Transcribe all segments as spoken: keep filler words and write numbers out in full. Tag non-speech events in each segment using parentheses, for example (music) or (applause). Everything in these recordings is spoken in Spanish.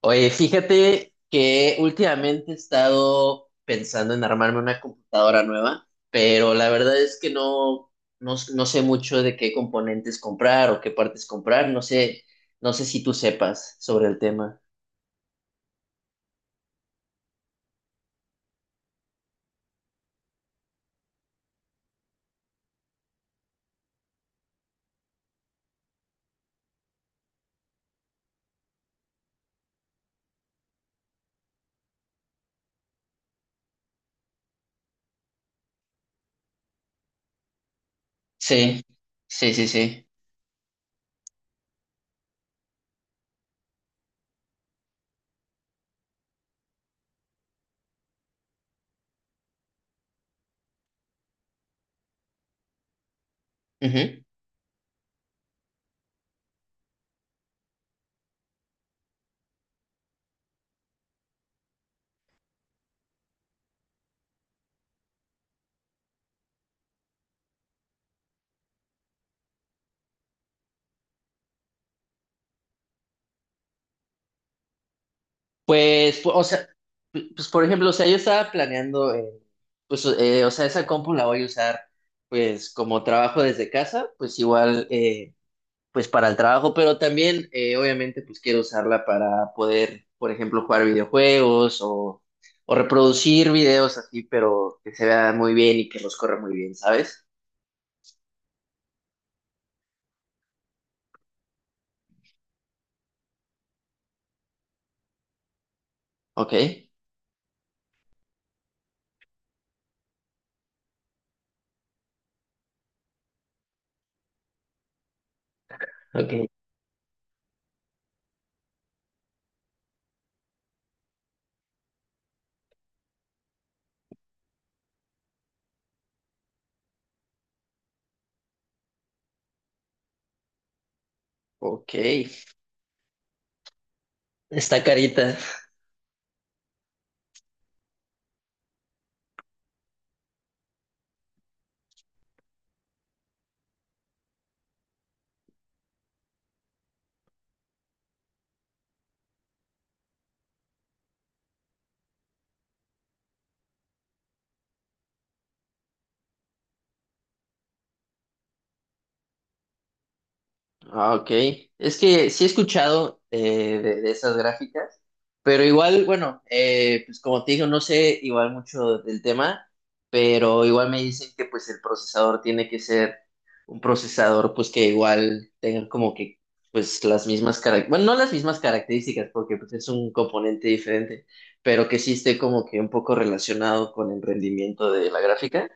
Oye, fíjate que últimamente he estado pensando en armarme una computadora nueva, pero la verdad es que no, no, no sé mucho de qué componentes comprar o qué partes comprar. No sé, no sé si tú sepas sobre el tema. Sí, sí, sí, sí. Ujú. Pues, pu- o sea, pu- pues, por ejemplo, o sea, yo estaba planeando, eh, pues, eh, o sea, esa compu la voy a usar, pues, como trabajo desde casa, pues igual, eh, pues para el trabajo, pero también eh, obviamente pues quiero usarla para poder, por ejemplo, jugar videojuegos o, o reproducir videos así, pero que se vean muy bien y que los corra muy bien, ¿sabes? Ok, ok, ok. Está carita. Ah, ok. Es que sí he escuchado, eh, de, de esas gráficas, pero igual, bueno, eh, pues como te digo, no sé igual mucho del tema, pero igual me dicen que pues el procesador tiene que ser un procesador pues que igual tenga como que pues las mismas características, bueno, no las mismas características porque pues es un componente diferente, pero que sí esté como que un poco relacionado con el rendimiento de la gráfica.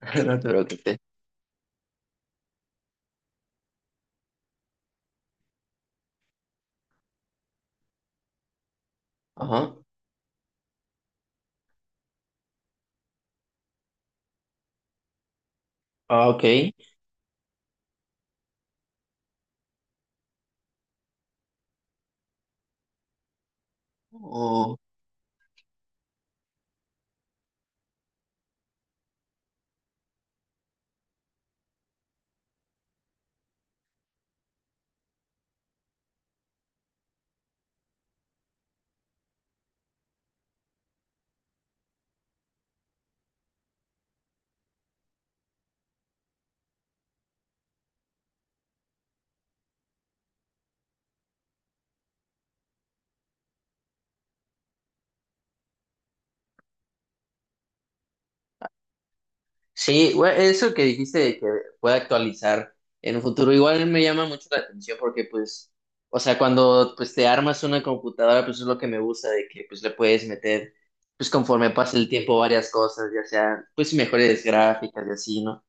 (laughs) No te preocupes. Ajá. Ah, ok. Oh. Sí, güey, eso que dijiste de que puede actualizar en un futuro, igual me llama mucho la atención porque pues, o sea, cuando pues te armas una computadora, pues es lo que me gusta de que pues le puedes meter, pues conforme pasa el tiempo, varias cosas, ya sea pues mejores gráficas y así, ¿no?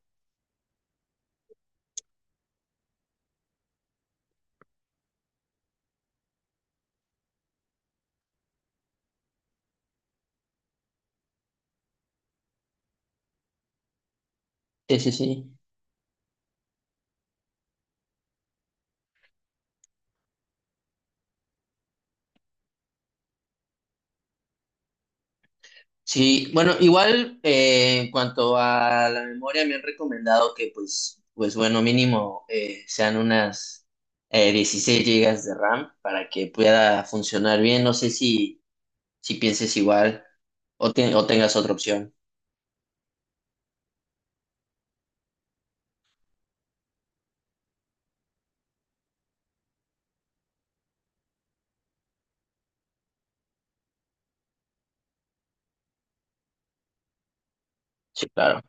Sí, sí, sí. Sí, bueno, igual eh, en cuanto a la memoria me han recomendado que pues, pues bueno, mínimo eh, sean unas eh, dieciséis gigas de RAM para que pueda funcionar bien. No sé si si pienses igual o, te- o tengas otra opción. Sí, claro.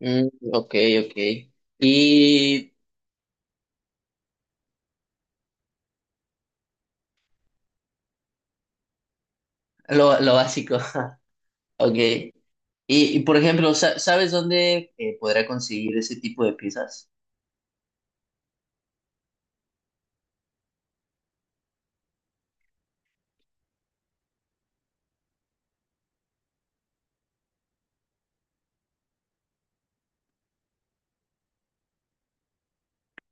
Mm, ok, ok. Y lo, lo básico. (laughs) Ok. Y, y, por ejemplo, sa- ¿sabes dónde eh, podrá conseguir ese tipo de piezas?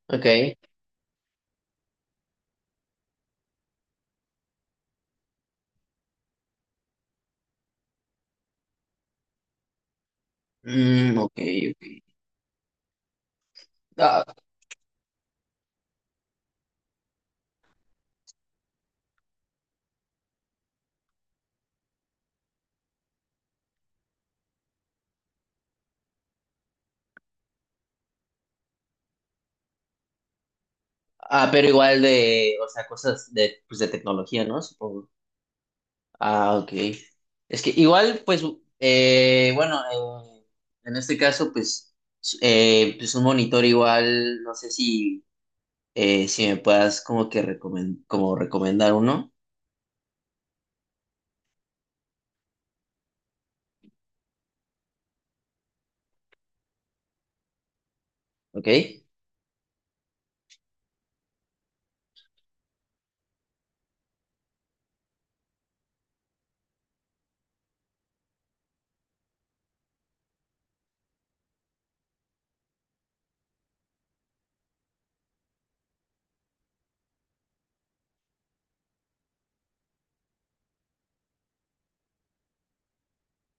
Ok. Mm, ok, ok. Ah, ah, pero igual de, o sea, cosas de, pues de tecnología, ¿no? Supongo. Ah, ok. Es que igual, pues, eh, bueno, eh, en este caso, pues, s- eh, pues un monitor igual, no sé si eh, si me puedas como que recomen- como recomendar uno, ¿ok?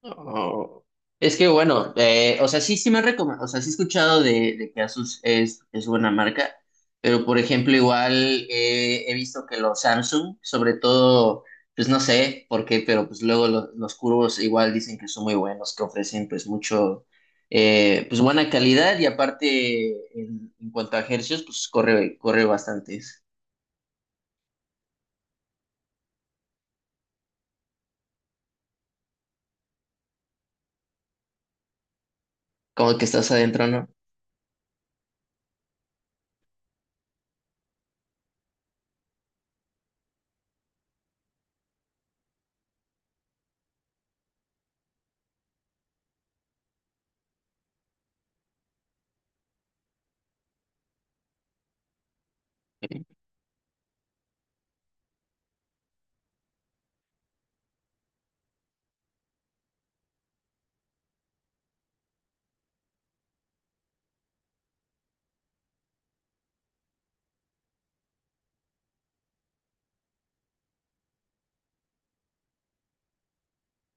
Oh, es que bueno, eh, o sea, sí, sí me recomiendo, o sea, sí he escuchado de, de que Asus es, es buena marca, pero por ejemplo, igual eh, he visto que los Samsung, sobre todo, pues no sé por qué, pero pues luego lo- los curvos igual dicen que son muy buenos, que ofrecen pues mucho, eh, pues buena calidad y aparte en, en cuanto a hercios, pues corre, corre bastante. Como que estás adentro, ¿no?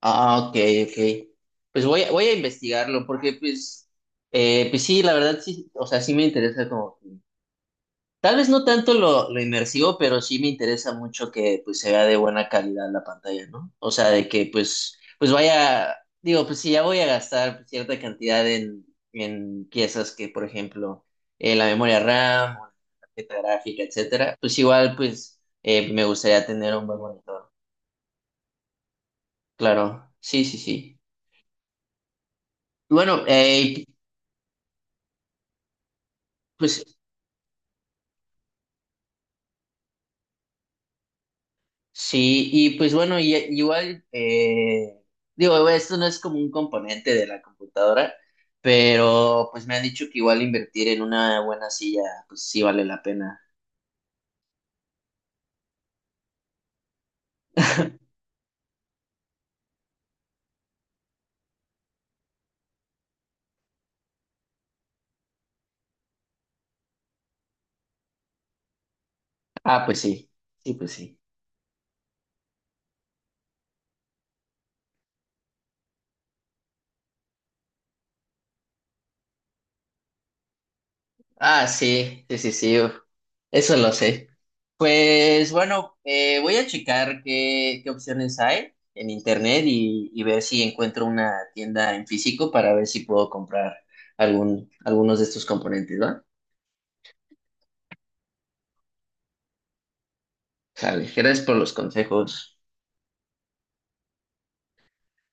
Ah, ok, ok. Pues voy a, voy a investigarlo porque pues, eh, pues sí, la verdad sí, o sea, sí me interesa como, tal vez no tanto lo, lo inmersivo, pero sí me interesa mucho que pues se vea de buena calidad la pantalla, ¿no? O sea, de que pues, pues vaya, digo, pues si ya voy a gastar cierta cantidad en, en piezas que, por ejemplo, eh, la memoria RAM, o la tarjeta gráfica, etcétera, pues igual pues eh, me gustaría tener un buen monitor. Claro, sí, sí, sí. Bueno, eh, pues sí, y pues bueno, y, e, igual, eh, digo, esto no es como un componente de la computadora, pero pues me han dicho que igual invertir en una buena silla, pues sí vale la pena. Ah, pues sí, sí, pues sí. Ah, sí, sí, sí, sí, uf, eso lo sé. Pues bueno, eh, voy a checar qué, qué opciones hay en internet y, y ver si encuentro una tienda en físico para ver si puedo comprar algún, algunos de estos componentes, ¿va? Sale, gracias por los consejos.